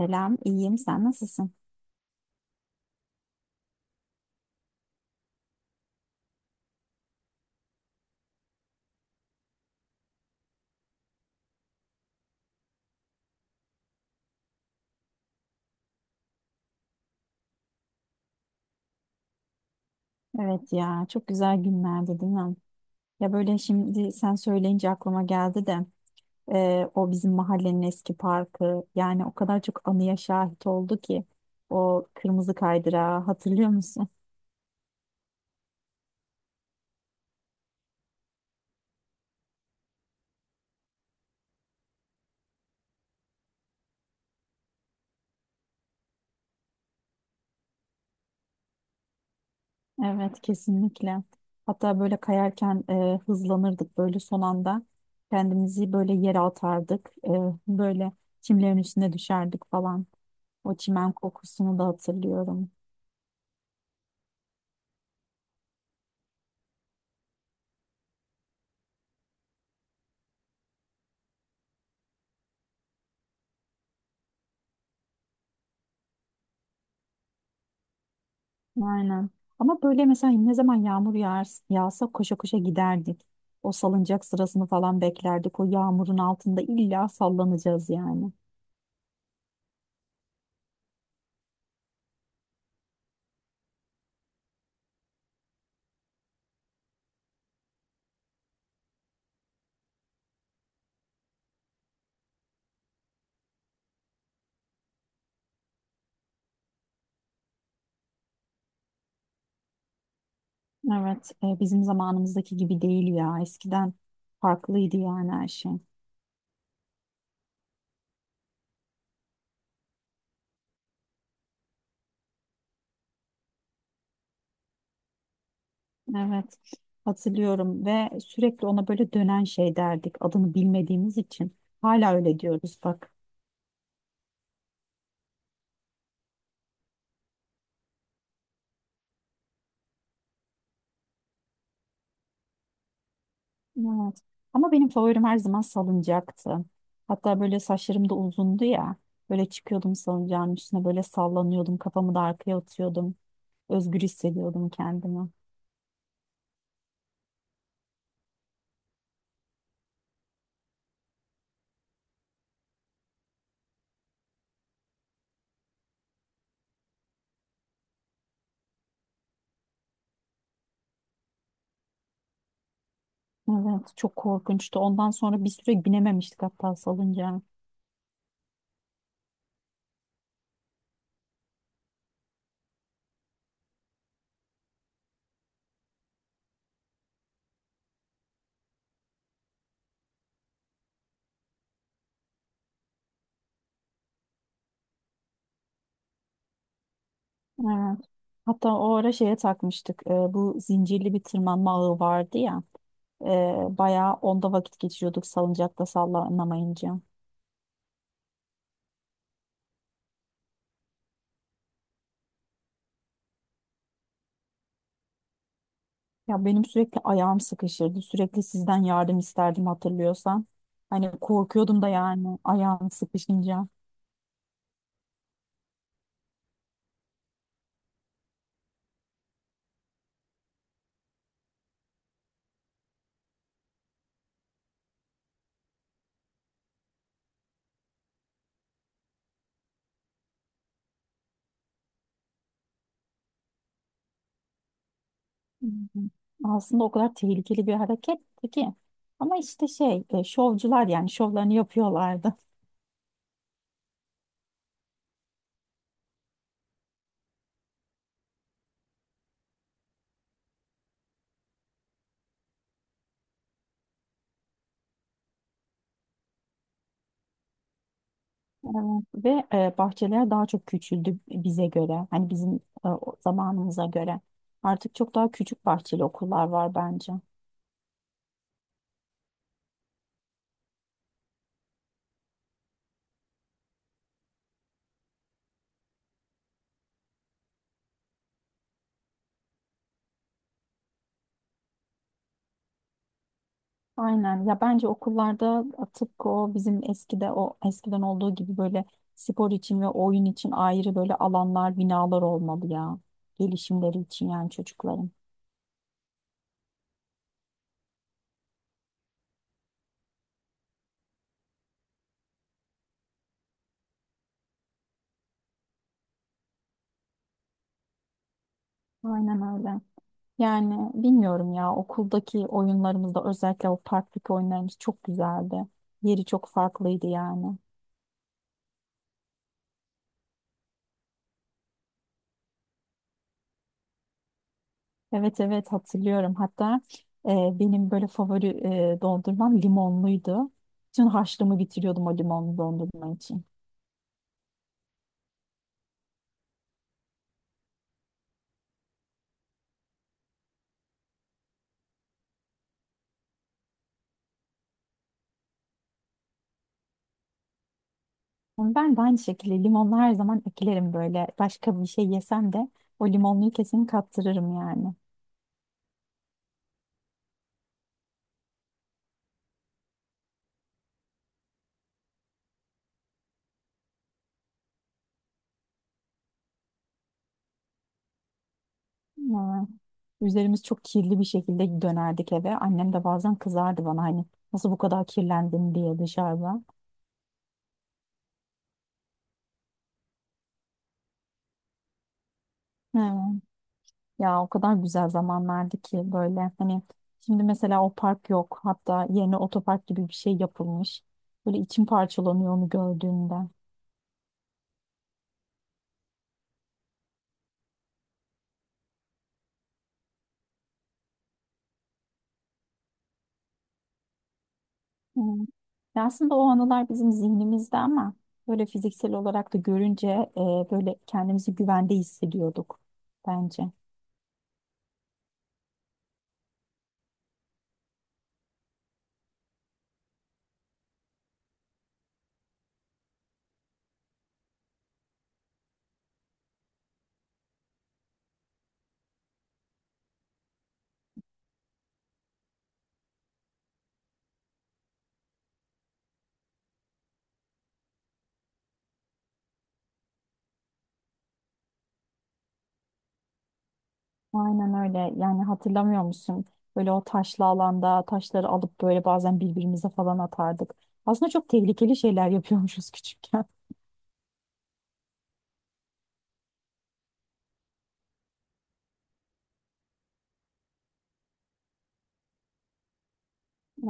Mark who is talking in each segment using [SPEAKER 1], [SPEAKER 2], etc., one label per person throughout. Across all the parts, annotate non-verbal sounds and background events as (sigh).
[SPEAKER 1] Selam, iyiyim. Sen nasılsın? Evet ya, çok güzel günlerdi değil mi? Ya böyle şimdi sen söyleyince aklıma geldi de o bizim mahallenin eski parkı yani o kadar çok anıya şahit oldu ki o kırmızı kaydırağı hatırlıyor musun? Evet kesinlikle. Hatta böyle kayarken hızlanırdık böyle son anda kendimizi böyle yere atardık, böyle çimlerin üstüne düşerdik falan. O çimen kokusunu da hatırlıyorum. Aynen. Ama böyle mesela ne zaman yağmur yağar, yağsa koşa koşa giderdik. O salıncak sırasını falan beklerdik. O yağmurun altında illa sallanacağız yani. Evet, bizim zamanımızdaki gibi değil ya. Eskiden farklıydı yani her şey. Evet, hatırlıyorum ve sürekli ona böyle dönen şey derdik adını bilmediğimiz için. Hala öyle diyoruz bak. Evet. Ama benim favorim her zaman salıncaktı. Hatta böyle saçlarım da uzundu ya. Böyle çıkıyordum salıncağın üstüne böyle sallanıyordum. Kafamı da arkaya atıyordum. Özgür hissediyordum kendimi. Evet, çok korkunçtu. Ondan sonra bir süre binememiştik hatta salıncağa. Evet. Hatta o ara şeye takmıştık. Bu zincirli bir tırmanma ağı vardı ya. Bayağı onda vakit geçiriyorduk salıncakta sallanamayınca. Ya benim sürekli ayağım sıkışırdı. Sürekli sizden yardım isterdim hatırlıyorsan. Hani korkuyordum da yani ayağım sıkışınca. Hı hı. Aslında o kadar tehlikeli bir hareketti ki. Ama işte şey şovcular yani şovlarını yapıyorlardı. Ve bahçeler daha çok küçüldü bize göre. Hani bizim o zamanımıza göre. Artık çok daha küçük bahçeli okullar var bence. Aynen ya bence okullarda tıpkı o bizim eskide o eskiden olduğu gibi böyle spor için ve oyun için ayrı böyle alanlar binalar olmalı ya gelişimleri için yani çocukların. Aynen öyle. Yani bilmiyorum ya okuldaki oyunlarımızda özellikle o parktaki oyunlarımız çok güzeldi. Yeri çok farklıydı yani. Evet evet hatırlıyorum. Hatta benim böyle favori dondurmam limonluydu. Bütün harçlığımı bitiriyordum o limonlu dondurma için. Ben de aynı şekilde limonlu her zaman eklerim böyle. Başka bir şey yesem de o limonluyu kesin kaptırırım yani. Ama üzerimiz çok kirli bir şekilde dönerdik eve. Annem de bazen kızardı bana hani nasıl bu kadar kirlendin diye dışarıda. Evet. Ya o kadar güzel zamanlardı ki böyle hani şimdi mesela o park yok. Hatta yerine otopark gibi bir şey yapılmış. Böyle içim parçalanıyor onu gördüğümde. Hmm. Ya aslında o anılar bizim zihnimizde ama böyle fiziksel olarak da görünce e, böyle kendimizi güvende hissediyorduk bence. Aynen öyle. Yani hatırlamıyor musun? Böyle o taşlı alanda taşları alıp böyle bazen birbirimize falan atardık. Aslında çok tehlikeli şeyler yapıyormuşuz (laughs) küçükken.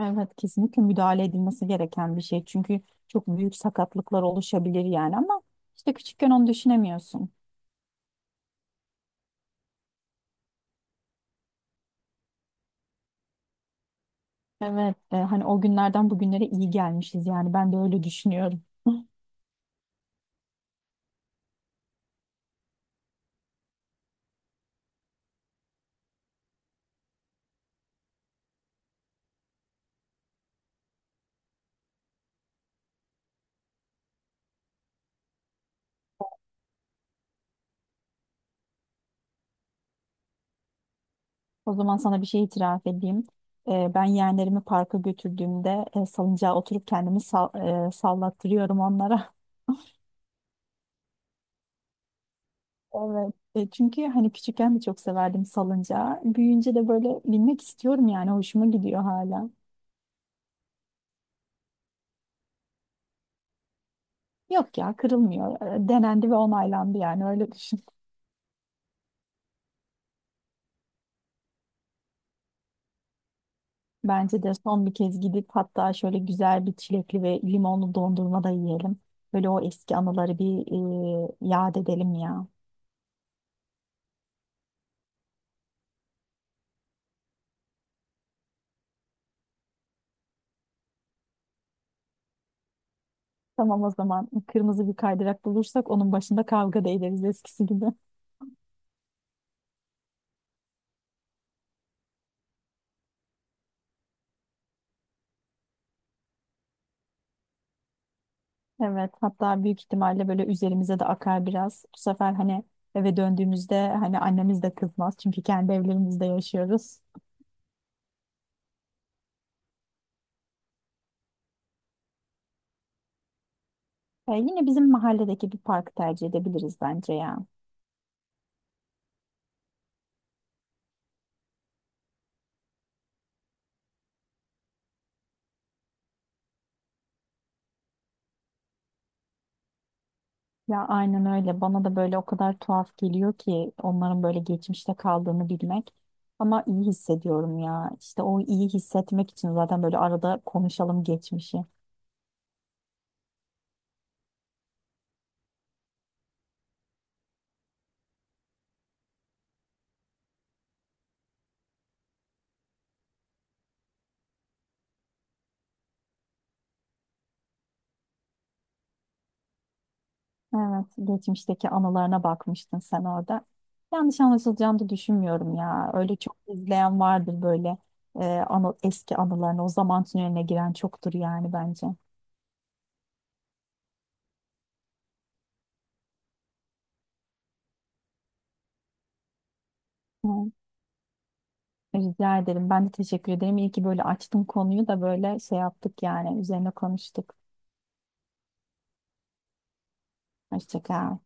[SPEAKER 1] Evet, kesinlikle müdahale edilmesi gereken bir şey. Çünkü çok büyük sakatlıklar oluşabilir yani ama işte küçükken onu düşünemiyorsun. Evet, hani o günlerden bugünlere iyi gelmişiz yani ben de öyle düşünüyorum. (laughs) O zaman sana bir şey itiraf edeyim. Ben yeğenlerimi parka götürdüğümde salıncağa oturup kendimi sallattırıyorum onlara. (laughs) Evet. Çünkü hani küçükken de çok severdim salıncağı. Büyüyünce de böyle binmek istiyorum yani hoşuma gidiyor hala. Yok ya kırılmıyor. Denendi ve onaylandı yani öyle düşün. Bence de son bir kez gidip hatta şöyle güzel bir çilekli ve limonlu dondurma da yiyelim. Böyle o eski anıları bir yad edelim ya. Tamam o zaman kırmızı bir kaydırak bulursak onun başında kavga da ederiz eskisi gibi. (laughs) Evet hatta büyük ihtimalle böyle üzerimize de akar biraz. Bu sefer hani eve döndüğümüzde hani annemiz de kızmaz çünkü kendi evlerimizde yaşıyoruz. Yine bizim mahalledeki bir parkı tercih edebiliriz bence ya. Ya aynen öyle. Bana da böyle o kadar tuhaf geliyor ki onların böyle geçmişte kaldığını bilmek. Ama iyi hissediyorum ya. İşte o iyi hissetmek için zaten böyle arada konuşalım geçmişi. Evet, geçmişteki anılarına bakmıştın sen orada. Yanlış anlaşılacağını da düşünmüyorum ya. Öyle çok izleyen vardır böyle anı, eski anılarını. O zaman tüneline giren çoktur yani bence. Rica ederim. Ben de teşekkür ederim. İyi ki böyle açtım konuyu da böyle şey yaptık yani. Üzerine konuştuk. Hoşça kal.